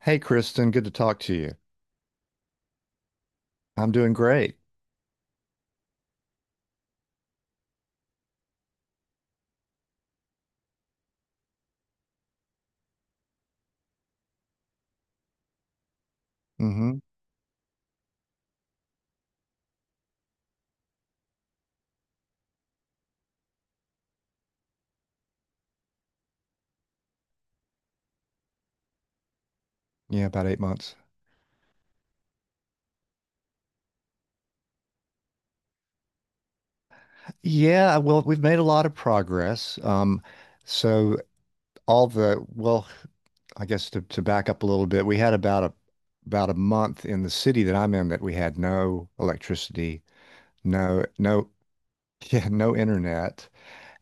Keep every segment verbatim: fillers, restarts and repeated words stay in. Hey, Kristen, good to talk to you. I'm doing great. Hmm Yeah, about eight months. Yeah, well, we've made a lot of progress. Um, so all the, well, I guess to, to back up a little bit, we had about a about a month in the city that I'm in that we had no electricity, no no yeah, no internet.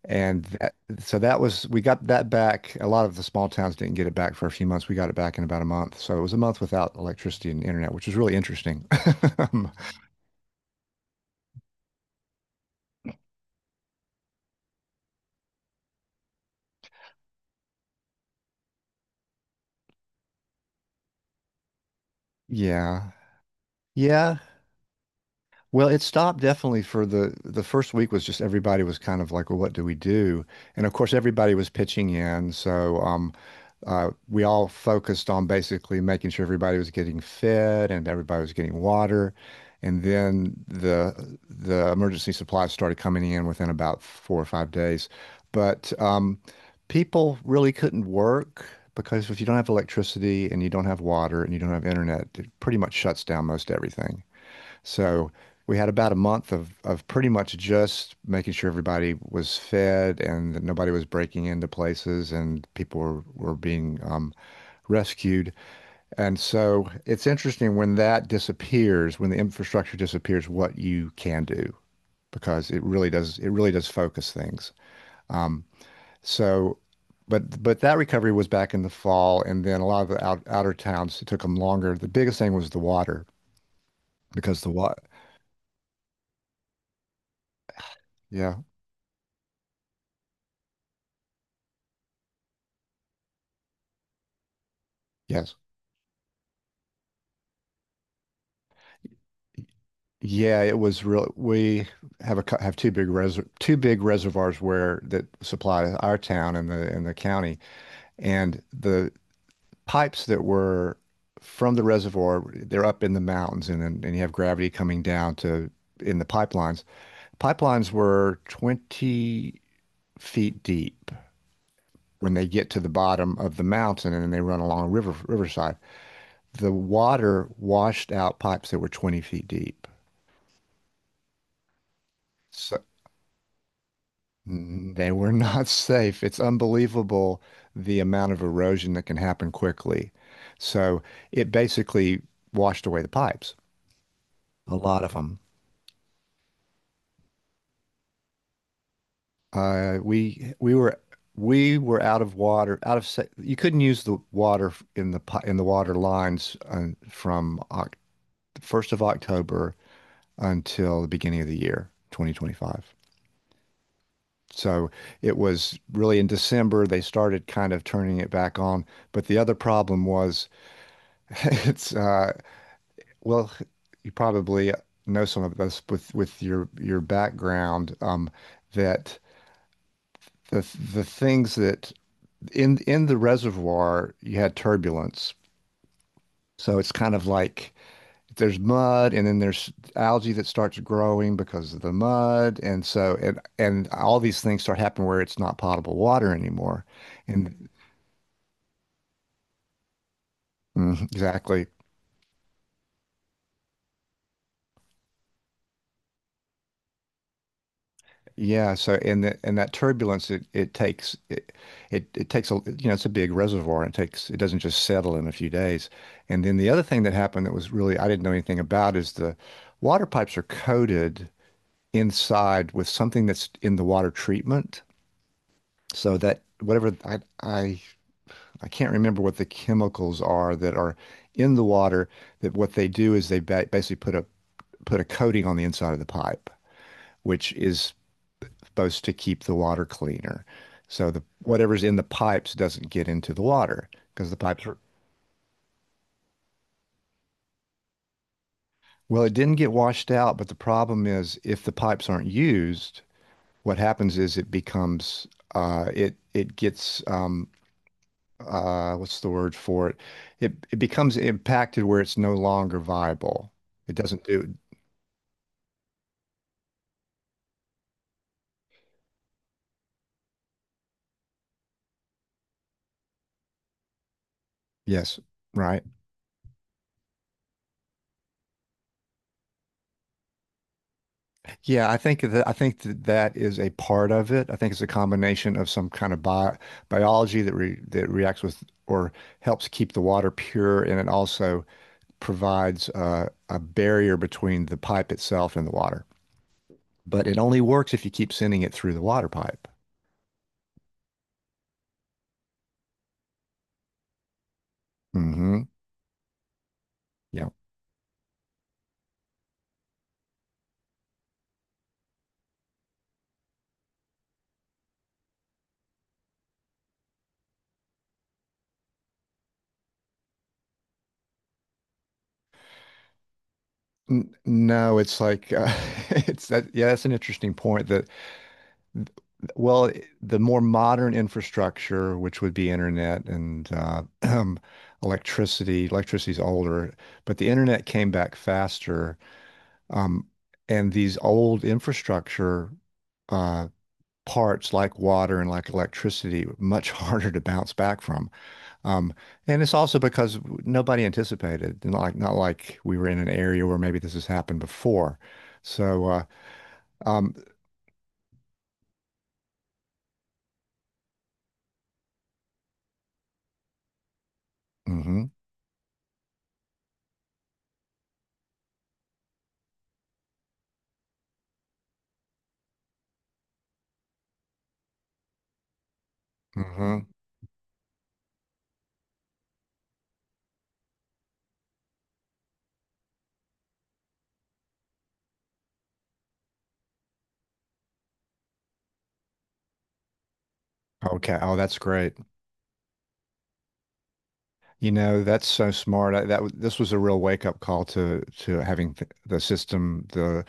And that, so that was we got that back. A lot of the small towns didn't get it back for a few months. We got it back in about a month. So it was a month without electricity and internet, which was really interesting. Yeah. Yeah. Well, it stopped definitely for the the first week. Was just everybody was kind of like, well, what do we do? And of course, everybody was pitching in, so um, uh, we all focused on basically making sure everybody was getting fed and everybody was getting water. And then the the emergency supplies started coming in within about four or five days. But um, people really couldn't work, because if you don't have electricity and you don't have water and you don't have internet, it pretty much shuts down most everything. So we had about a month of of pretty much just making sure everybody was fed and that nobody was breaking into places and people were, were being um, rescued. And so it's interesting when that disappears, when the infrastructure disappears, what you can do, because it really does it really does focus things. Um, so but but that recovery was back in the fall, and then a lot of the out, outer towns, it took them longer. The biggest thing was the water, because the water. Yeah. Yes. Yeah, it was real. We have a cou- have two big res two big reservoirs where that supply our town and the and the county, and the pipes that were from the reservoir, they're up in the mountains, and then- and you have gravity coming down to in the pipelines. Pipelines were twenty feet deep when they get to the bottom of the mountain, and then they run along a river riverside. The water washed out pipes that were twenty feet deep. So, Mm, they were not safe. It's unbelievable the amount of erosion that can happen quickly. So it basically washed away the pipes, a lot of them. Uh, we we were we were out of water, out of sa you couldn't use the water f- in the pi- in the water lines uh, from Oc first of October until the beginning of the year, twenty twenty-five. So it was really in December they started kind of turning it back on. But the other problem was, it's uh well, you probably know some of this with with your your background, um that the the things that in in the reservoir, you had turbulence. So it's kind of like, there's mud and then there's algae that starts growing because of the mud, and so and and all these things start happening where it's not potable water anymore. And mm, exactly. Yeah, so and that and that turbulence, it it takes it, it it takes a, you know, it's a big reservoir and it takes, it doesn't just settle in a few days. And then the other thing that happened that was really I didn't know anything about, is the water pipes are coated inside with something that's in the water treatment. So that whatever I I I can't remember what the chemicals are that are in the water, that what they do is they ba basically put a put a coating on the inside of the pipe, which is supposed to keep the water cleaner. So the whatever's in the pipes doesn't get into the water, because the pipes are, well, it didn't get washed out, but the problem is if the pipes aren't used, what happens is it becomes uh, it it gets um, uh, what's the word for it? It? It becomes impacted, where it's no longer viable. It doesn't do. Yes, right. Yeah, I think that I think that that is a part of it. I think it's a combination of some kind of bi biology that re that reacts with, or helps keep the water pure, and it also provides uh, a barrier between the pipe itself and the water. But it only works if you keep sending it through the water pipe. Hmm Yeah. N No, it's like uh, it's that. Yeah, that's an interesting point that, well, the more modern infrastructure, which would be internet and uh, electricity, electricity's older, but the internet came back faster. Um, and these old infrastructure uh, parts, like water and like electricity, were much harder to bounce back from. Um, and it's also because nobody anticipated, not like not like we were in an area where maybe this has happened before. So, uh, um, mhm, mhm. Okay. Oh, that's great. You know, that's so smart. I, that w- this was a real wake-up call to to having th the system, the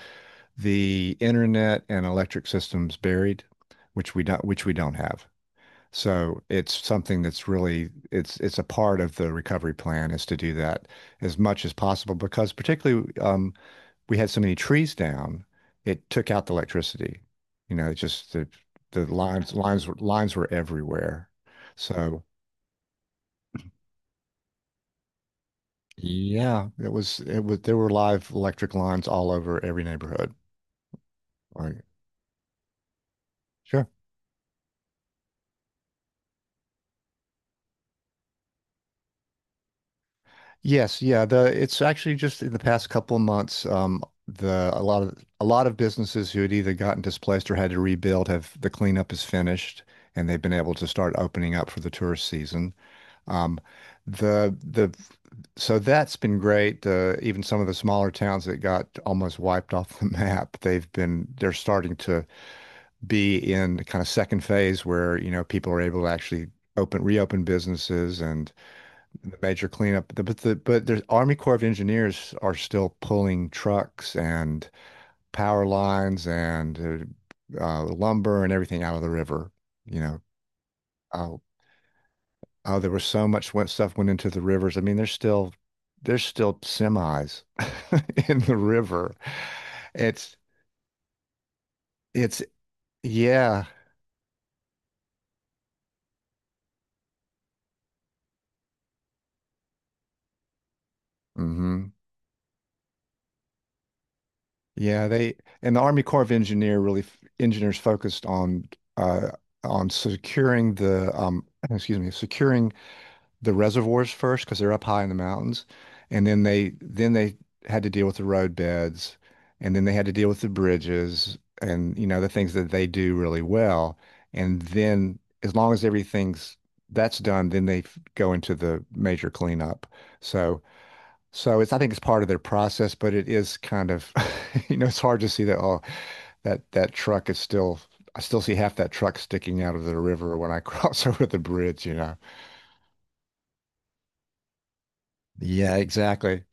the internet and electric systems buried, which we don't which we don't have. So it's something that's really, it's it's a part of the recovery plan, is to do that as much as possible, because particularly um, we had so many trees down, it took out the electricity. You know, it just the the lines lines were lines were everywhere. So Yeah, it was it was there were live electric lines all over every neighborhood. Like, sure. Yes, yeah, the it's actually just in the past couple of months, um the, a lot of a lot of businesses who had either gotten displaced or had to rebuild have, the cleanup is finished and they've been able to start opening up for the tourist season. Um the the So that's been great. Uh, even some of the smaller towns that got almost wiped off the map, they've been, they're starting to be in kind of second phase where, you know, people are able to actually open reopen businesses and the major cleanup. But the but the Army Corps of Engineers are still pulling trucks and power lines and uh, uh, lumber and everything out of the river. You know, oh, oh, there was so much went stuff went into the rivers. I mean, there's still there's still semis in the river. It's it's yeah. hmm Yeah, they, and the Army Corps of Engineer really f- engineers focused on uh on securing the um excuse me, securing the reservoirs first, because they're up high in the mountains, and then they then they had to deal with the road beds, and then they had to deal with the bridges and you know the things that they do really well, and then as long as everything's that's done, then they f- go into the major cleanup. So so it's, I think it's part of their process, but it is kind of, you know, it's hard to see that, oh, that that truck is still, I still see half that truck sticking out of the river when I cross over the bridge, you know. Yeah, exactly.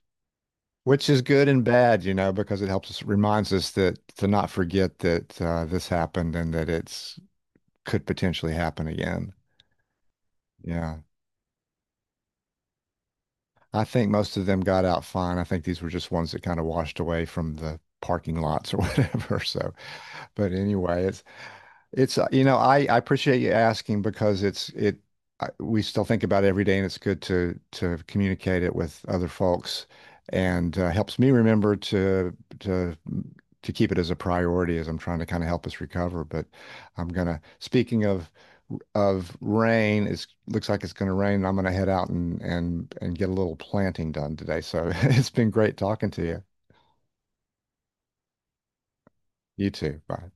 Which is good and bad, you know, because it helps us, reminds us that to not forget that uh, this happened and that it's could potentially happen again. Yeah. I think most of them got out fine. I think these were just ones that kind of washed away from the parking lots or whatever. So, but anyway, it's It's uh, you know, I I appreciate you asking, because it's it I, we still think about it every day, and it's good to to communicate it with other folks, and uh, helps me remember to to to keep it as a priority as I'm trying to kind of help us recover. But I'm gonna, speaking of of rain, it looks like it's gonna rain and I'm gonna head out and and and get a little planting done today. So it's been great talking to you. You too. Bye.